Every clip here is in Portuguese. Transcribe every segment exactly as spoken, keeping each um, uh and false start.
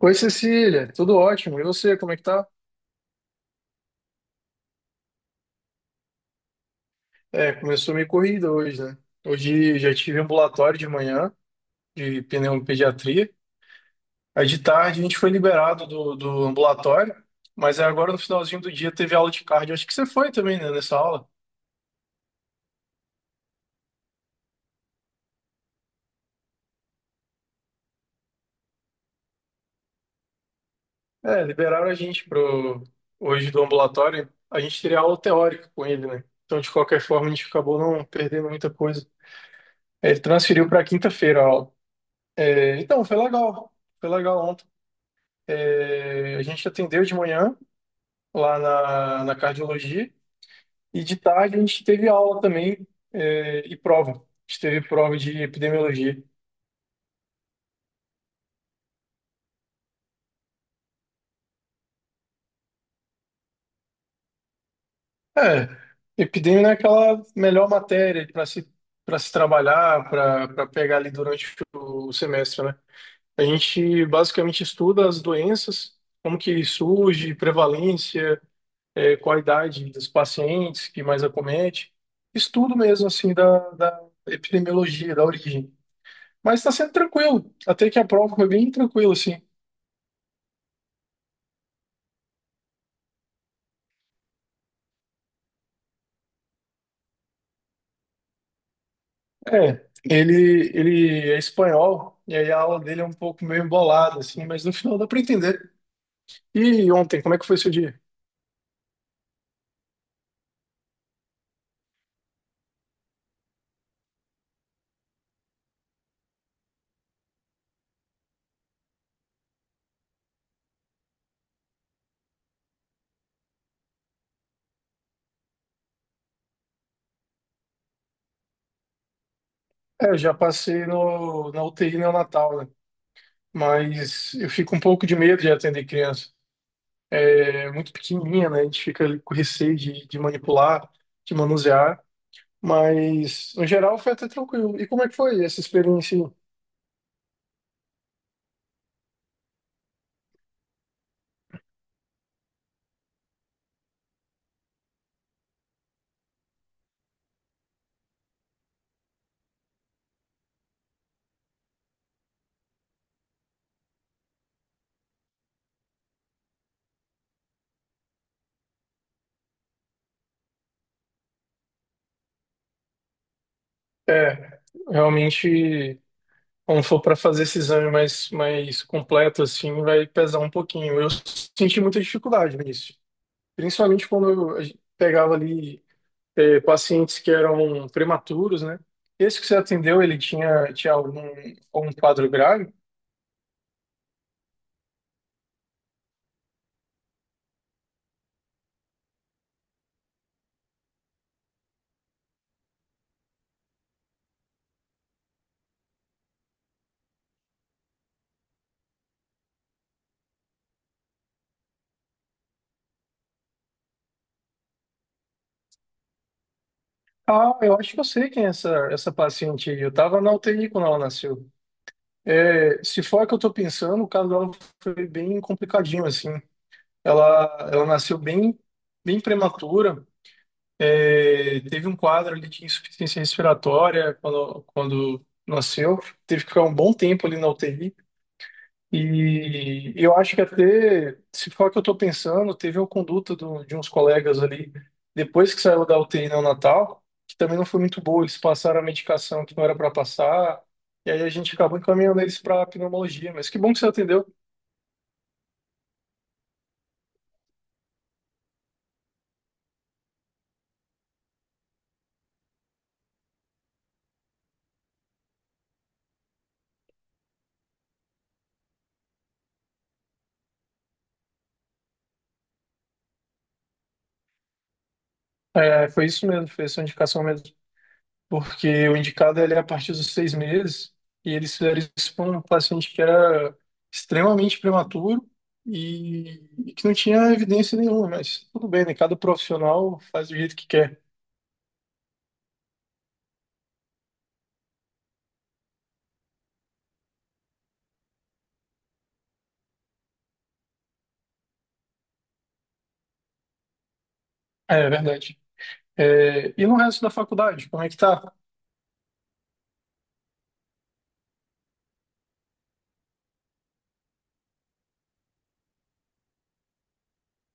Oi, Cecília, tudo ótimo. E você, como é que tá? É, começou meio corrida hoje, né? Hoje já tive ambulatório de manhã, de pneumopediatria. Aí de tarde a gente foi liberado do, do ambulatório, mas aí agora no finalzinho do dia teve aula de cardio. Acho que você foi também, né, nessa aula. É, liberaram a gente pro, hoje do ambulatório. A gente teria aula teórica com ele, né? Então, de qualquer forma, a gente acabou não perdendo muita coisa. Ele transferiu para quinta-feira a aula. É, então, foi legal. Foi legal. É, a gente atendeu de manhã lá na, na cardiologia e de tarde a gente teve aula também é, e prova. A gente teve prova de epidemiologia. É, epidemia não é aquela melhor matéria para se, para se trabalhar, para para pegar ali durante o semestre, né? A gente basicamente estuda as doenças, como que surge, prevalência, é, qual a idade dos pacientes que mais acomete. Estudo mesmo, assim, da, da epidemiologia, da origem. Mas tá sendo tranquilo. Até que a prova foi bem tranquila, assim. É, ele, ele é espanhol, e aí a aula dele é um pouco meio embolada, assim, mas no final dá pra entender. E ontem, como é que foi seu dia? É, eu já passei no, na uti neonatal, né? Mas eu fico um pouco de medo de atender criança. É muito pequenininha, né? A gente fica ali com receio de, de manipular, de manusear. Mas, no geral, foi até tranquilo. E como é que foi essa experiência aí? É, realmente. Quando for para fazer esse exame mais, mais completo, assim, vai pesar um pouquinho. Eu senti muita dificuldade nisso, principalmente quando eu a gente pegava ali eh, pacientes que eram prematuros, né? Esse que você atendeu, ele tinha, tinha algum, algum quadro grave? Ah, eu acho que eu sei quem é essa, essa paciente aí. Eu estava na uti quando ela nasceu. É, se for a que eu estou pensando, o caso dela foi bem complicadinho, assim. Ela, ela nasceu bem, bem prematura. É, teve um quadro ali de insuficiência respiratória quando, quando nasceu, teve que ficar um bom tempo ali na uti. E eu acho que até, se for o que eu estou pensando, teve uma conduta do- de uns colegas ali, depois que saiu da uti neonatal, que também não foi muito boa. Eles passaram a medicação que não era para passar, e aí a gente acabou encaminhando eles para pneumologia. Mas que bom que você atendeu. É, foi isso mesmo, foi essa indicação mesmo, porque o indicado ele é a partir dos seis meses, e eles fizeram isso para um paciente que era extremamente prematuro e, e que não tinha evidência nenhuma, mas tudo bem, né? Cada profissional faz do jeito que quer. É, é verdade. É, e no resto da faculdade, como é que tá?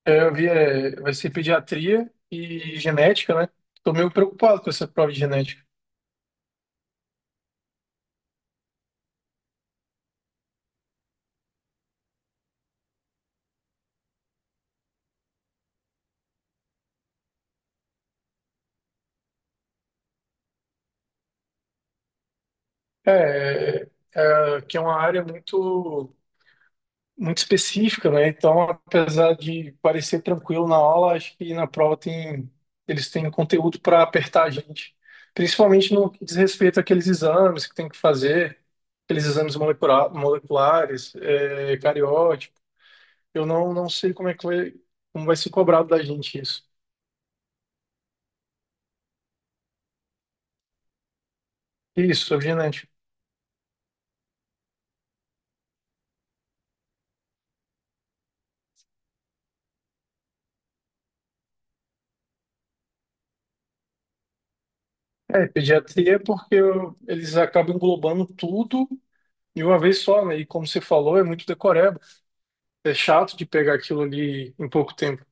É, eu vi, é, vai ser pediatria e genética, né? Tô meio preocupado com essa prova de genética. É, é, é, que é uma área muito muito específica, né? Então, apesar de parecer tranquilo na aula, acho que na prova tem, eles têm conteúdo para apertar a gente, principalmente no que diz respeito àqueles exames que tem que fazer, aqueles exames molecula- moleculares, é, cariótipo. Eu não, não sei como é que vai, como vai ser cobrado da gente isso. Isso, sobre genética. É, pediatria, é porque eu- eles acabam englobando tudo de uma vez só, né? E como você falou, é muito decoreba. É chato de pegar aquilo ali em pouco tempo.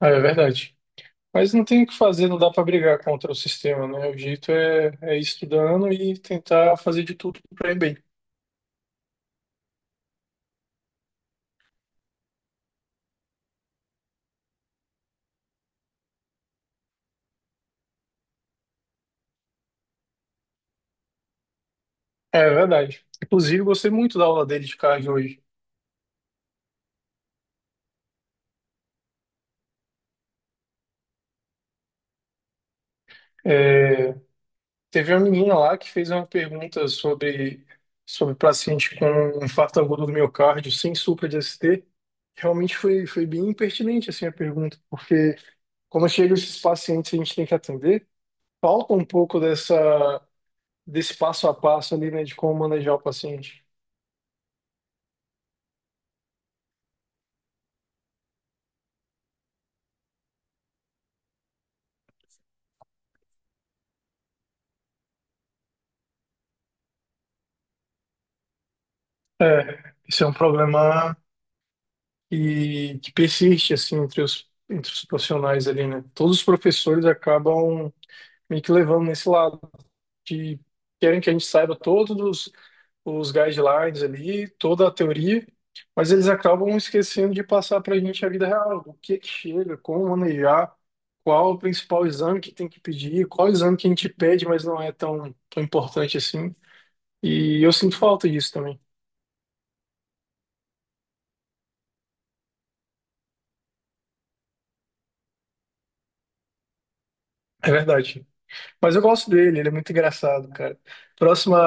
Ah, é verdade. Mas não tem o que fazer, não dá para brigar contra o sistema, né? O jeito é, é ir estudando e tentar fazer de tudo para ir bem. É verdade. Inclusive, gostei muito da aula dele de cardio hoje. É, teve uma menina lá que fez uma pergunta sobre, sobre paciente com infarto agudo do miocárdio sem supra de S T. Realmente foi, foi bem impertinente assim, a pergunta, porque quando chegam esses pacientes que a gente tem que atender, falta um pouco dessa, desse passo a passo ali, né, de como manejar o paciente. É, isso é um problema que, que persiste assim entre os, entre os profissionais ali, né? Todos os professores acabam meio que levando nesse lado que querem que a gente saiba todos os, os guidelines ali, toda a teoria, mas eles acabam esquecendo de passar para a gente a vida real, o que que chega, como manejar, qual o principal exame que tem que pedir, qual exame que a gente pede, mas não é tão, tão importante assim. E eu sinto falta disso também. É verdade. Mas eu gosto dele, ele é muito engraçado, cara. Próxima,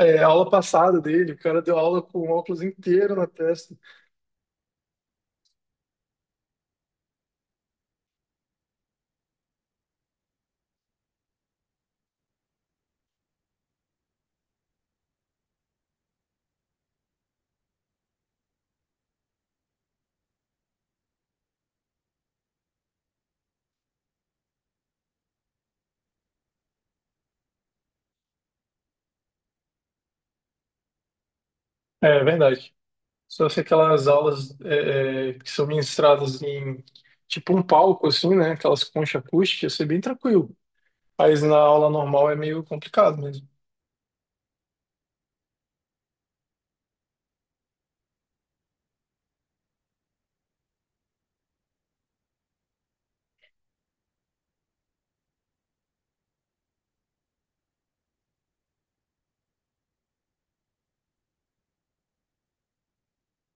é, aula passada dele, o cara deu aula com o óculos inteiro na testa. É, é verdade. Só se aquelas aulas é, é, que são ministradas em tipo um palco, assim, né? Aquelas conchas acústicas, isso é bem tranquilo. Mas na aula normal é meio complicado mesmo.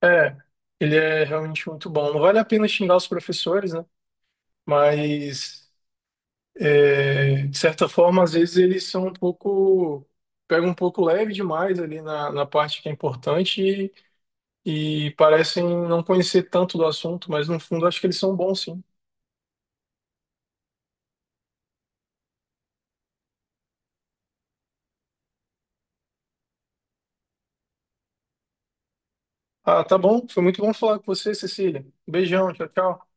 É, ele é realmente muito bom. Não vale a pena xingar os professores, né? Mas é, de certa forma, às vezes eles são um pouco, pegam um pouco leve demais ali na, na parte que é importante e, e parecem não conhecer tanto do assunto, mas no fundo acho que eles são bons sim. Ah, tá bom, foi muito bom falar com você, Cecília. Beijão, tchau, tchau.